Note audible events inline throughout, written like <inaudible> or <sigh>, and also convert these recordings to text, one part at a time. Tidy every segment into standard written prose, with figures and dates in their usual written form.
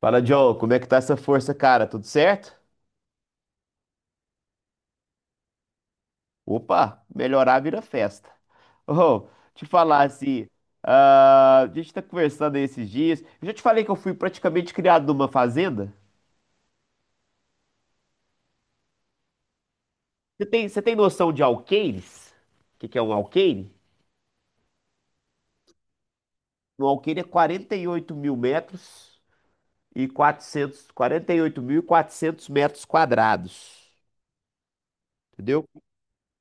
Fala, John, como é que tá essa força, cara? Tudo certo? Opa, melhorar vira festa. Ô, te falar assim, ah, a gente tá conversando aí esses dias. Eu já te falei que eu fui praticamente criado numa fazenda. Você tem noção de alqueires? O que que é um alqueire? Um alqueire é 48.000 metros e 400, quatrocentos metros quadrados, entendeu?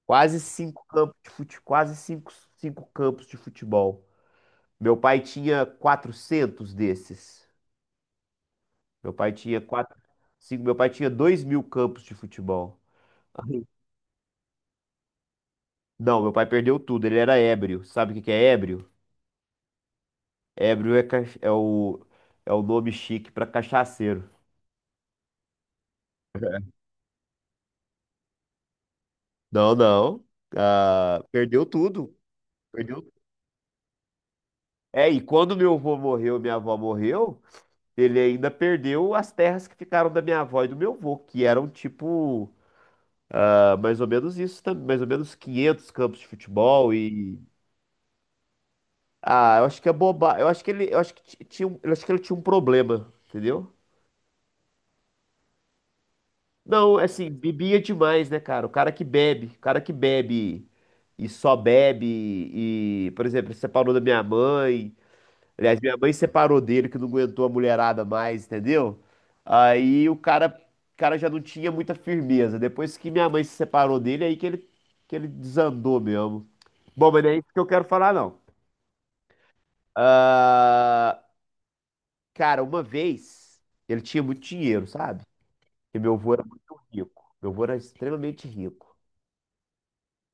Quase cinco campos de fute, quase cinco, cinco campos de futebol. Meu pai tinha 400 desses. Meu pai tinha quatro, meu pai tinha 2.000 campos de futebol. Não, meu pai perdeu tudo, ele era ébrio. Sabe o que que é ébrio? Ébrio é o nome chique para cachaceiro. Não, não. Ah, perdeu tudo. Perdeu. É, e quando meu avô morreu, minha avó morreu, ele ainda perdeu as terras que ficaram da minha avó e do meu avô, que eram tipo, ah, mais ou menos 500 campos de futebol e. Ah, eu acho que é boba. Eu acho que ti- tinha, eu acho que ele tinha um problema, entendeu? Não, é assim, bebia demais, né, cara? O cara que bebe e só bebe e, por exemplo, ele separou da minha mãe. Aliás, minha mãe separou dele que não aguentou a mulherada mais, entendeu? Aí o cara, o cara já não tinha muita firmeza. Depois que minha mãe se separou dele, é aí que ele desandou mesmo. Bom, mas não é isso que eu quero falar, não. Ah, cara, uma vez ele tinha muito dinheiro, sabe? E meu avô era muito rico. Meu avô era extremamente rico.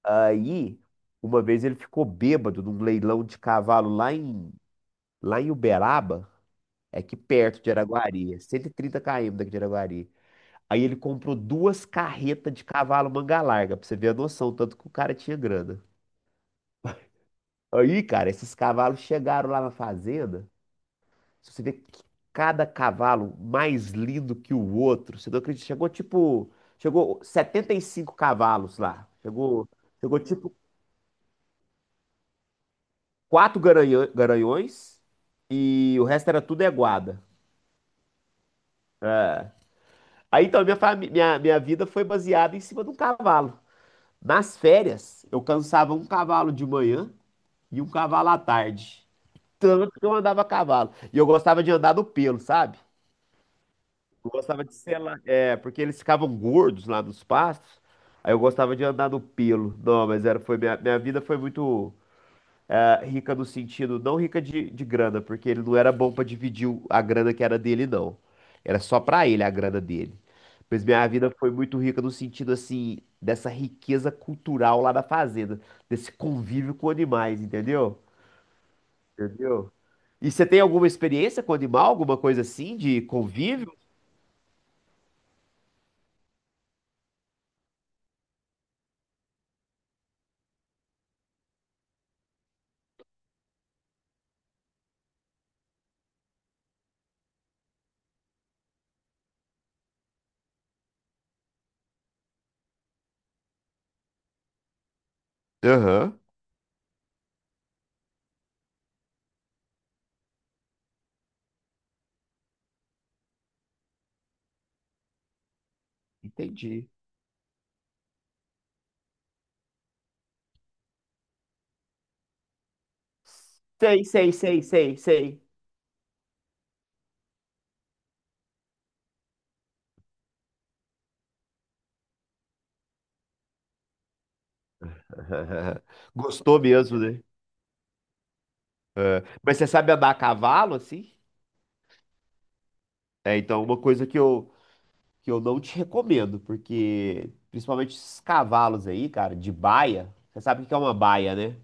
Aí, uma vez ele ficou bêbado num leilão de cavalo lá em Uberaba, é aqui perto de Araguari, é 130 km daqui de Araguari. Aí ele comprou duas carretas de cavalo manga larga, pra você ver a noção, tanto que o cara tinha grana. Aí, cara, esses cavalos chegaram lá na fazenda. Se você vê que cada cavalo mais lindo que o outro, você não acredita. Chegou 75 cavalos lá. Chegou tipo quatro garanhões e o resto era tudo aguada. Aí então minha vida foi baseada em cima de um cavalo. Nas férias, eu cansava um cavalo de manhã e um cavalo à tarde. Tanto que eu andava a cavalo. E eu gostava de andar no pelo, sabe? Eu gostava de selar. É, porque eles ficavam gordos lá nos pastos. Aí eu gostava de andar no pelo. Não, mas minha vida foi muito rica no sentido, não rica de grana, porque ele não era bom pra dividir a grana que era dele, não. Era só pra ele a grana dele. Mas minha vida foi muito rica no sentido, assim, dessa riqueza cultural lá da fazenda, desse convívio com animais, entendeu? Entendeu? E você tem alguma experiência com animal, alguma coisa assim, de convívio? Aham. Entendi. Sei, sei, sei, sei, sei. <laughs> Gostou mesmo, né? É. Mas você sabe andar a cavalo, assim? É, então, uma coisa que eu não te recomendo, porque principalmente esses cavalos aí, cara, de baia. Você sabe o que é uma baia, né?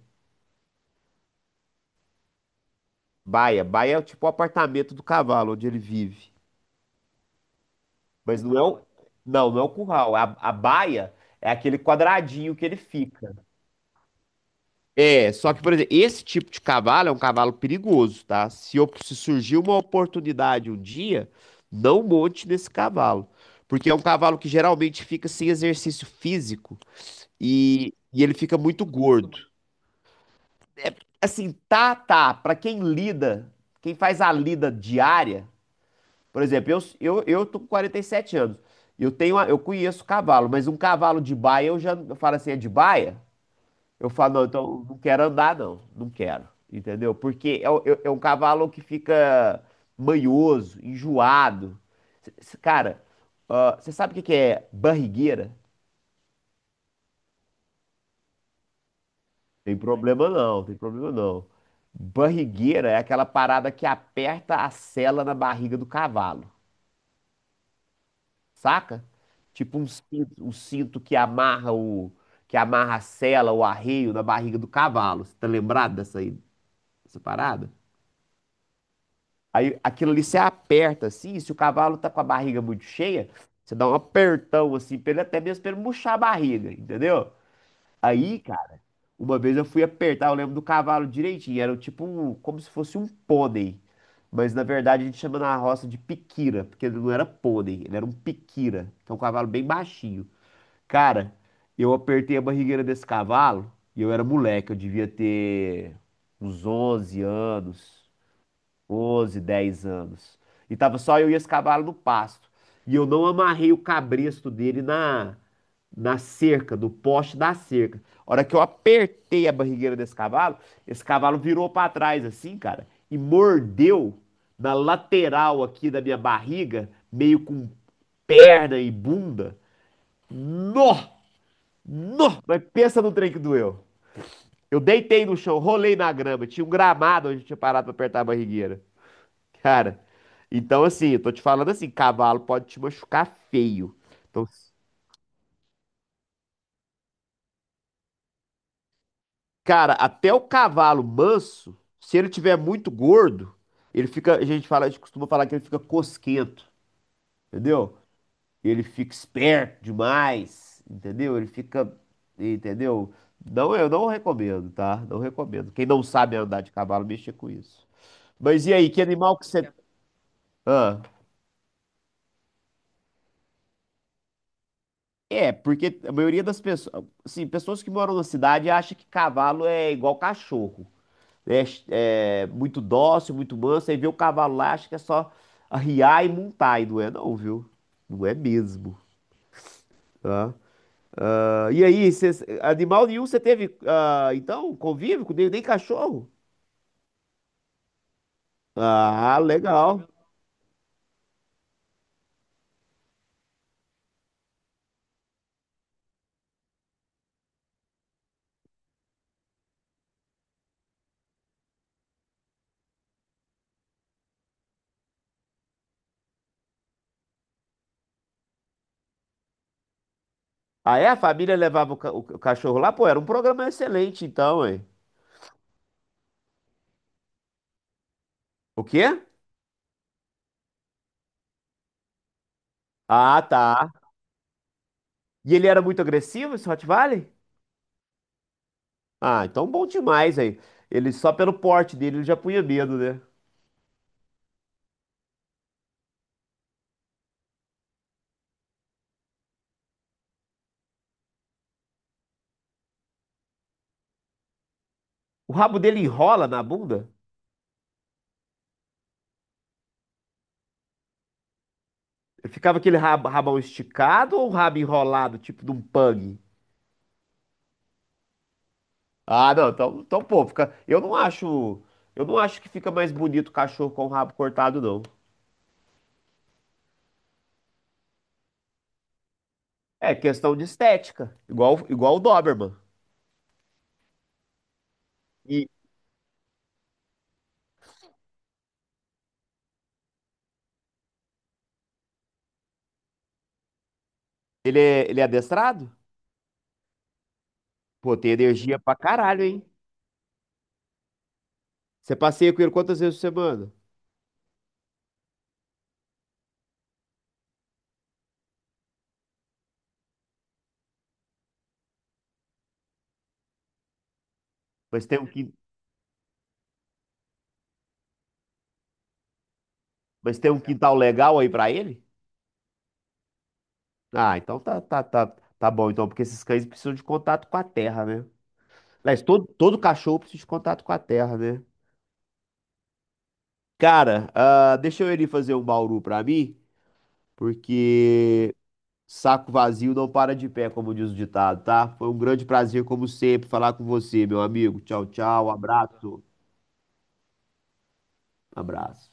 Baia. Baia é tipo o apartamento do cavalo onde ele vive. Mas não é o, não, não é o curral. A baia é aquele quadradinho que ele fica. É, só que, por exemplo, esse tipo de cavalo é um cavalo perigoso, tá? Se surgir uma oportunidade um dia, não monte nesse cavalo. Porque é um cavalo que geralmente fica sem exercício físico e ele fica muito gordo. Assim, tá, tá. Pra quem lida, quem faz a lida diária, por exemplo, eu tô com 47 anos. Eu conheço cavalo, mas um cavalo de baia, eu falo assim, é de baia? Eu falo, não, então não quero andar, não. Não quero. Entendeu? Porque é um cavalo que fica manhoso, enjoado. Cara, você sabe o que que é barrigueira? Tem problema não, tem problema não. Barrigueira é aquela parada que aperta a sela na barriga do cavalo, saca? Tipo um cinto que amarra a sela, o arreio na barriga do cavalo. Você tá lembrado dessa aí, dessa parada? Aí aquilo ali você aperta assim, se o cavalo tá com a barriga muito cheia, você dá um apertão assim, pra ele, até mesmo pra ele murchar a barriga, entendeu? Aí, cara, uma vez eu fui apertar, eu lembro do cavalo direitinho, era tipo um, como se fosse um pônei. Mas na verdade a gente chama na roça de piquira, porque ele não era pônei, ele era um piquira, que é um cavalo bem baixinho. Cara, eu apertei a barrigueira desse cavalo e eu era moleque, eu devia ter uns 11 anos. 11, 10 anos. E tava só eu e esse cavalo no pasto. E eu não amarrei o cabresto dele na cerca, no poste da cerca. A hora que eu apertei a barrigueira desse cavalo, esse cavalo virou pra trás assim, cara, e mordeu na lateral aqui da minha barriga, meio com perna e bunda. Nó! Nó! Mas pensa no trem que doeu. Eu deitei no chão, rolei na grama, tinha um gramado onde eu tinha parado pra apertar a barrigueira. Cara, então assim, eu tô te falando assim, cavalo pode te machucar feio. Então, cara, até o cavalo manso, se ele tiver muito gordo, ele fica, a gente costuma falar que ele fica cosquento, entendeu? Ele fica esperto demais, entendeu? Ele fica, entendeu? Não, eu não recomendo, tá? Não recomendo. Quem não sabe andar de cavalo, mexa com isso. Mas e aí, que animal que você... Ah. É, porque a maioria das pessoas, assim, pessoas que moram na cidade acha que cavalo é igual cachorro. É, é muito dócil, muito manso, aí vê o cavalo lá, acha que é só arriar e montar, e não é não, viu? Não é mesmo, tá? Ah, e aí, animal nenhum você teve, então, convívio com nem cachorro? Ah, legal. Ah, é? A família levava o cachorro lá? Pô, era um programa excelente, então, hein? O quê? Ah, tá. E ele era muito agressivo, esse Rottweiler? Ah, então bom demais aí. Ele só pelo porte dele ele já punha medo, né? O rabo dele enrola na bunda? Ficava aquele rabo, rabão esticado ou um rabo enrolado, tipo de um pug? Ah, não, então pô, fica. Eu não acho. Eu não acho que fica mais bonito o cachorro com o rabo cortado, não. É questão de estética. Igual o Doberman. E ele é adestrado? Pô, tem energia pra caralho, hein? Você passeia com ele quantas vezes por semana? Mas tem um, quin- mas tem um quintal legal aí pra ele? Ah, então tá, tá, tá, tá bom, então, porque esses cães precisam de contato com a terra, né? Aliás, todo cachorro precisa de contato com a terra, né? Cara, deixa eu ele fazer um bauru pra mim, porque saco vazio não para de pé, como diz o ditado, tá? Foi um grande prazer, como sempre, falar com você, meu amigo. Tchau, tchau, abraço, abraço.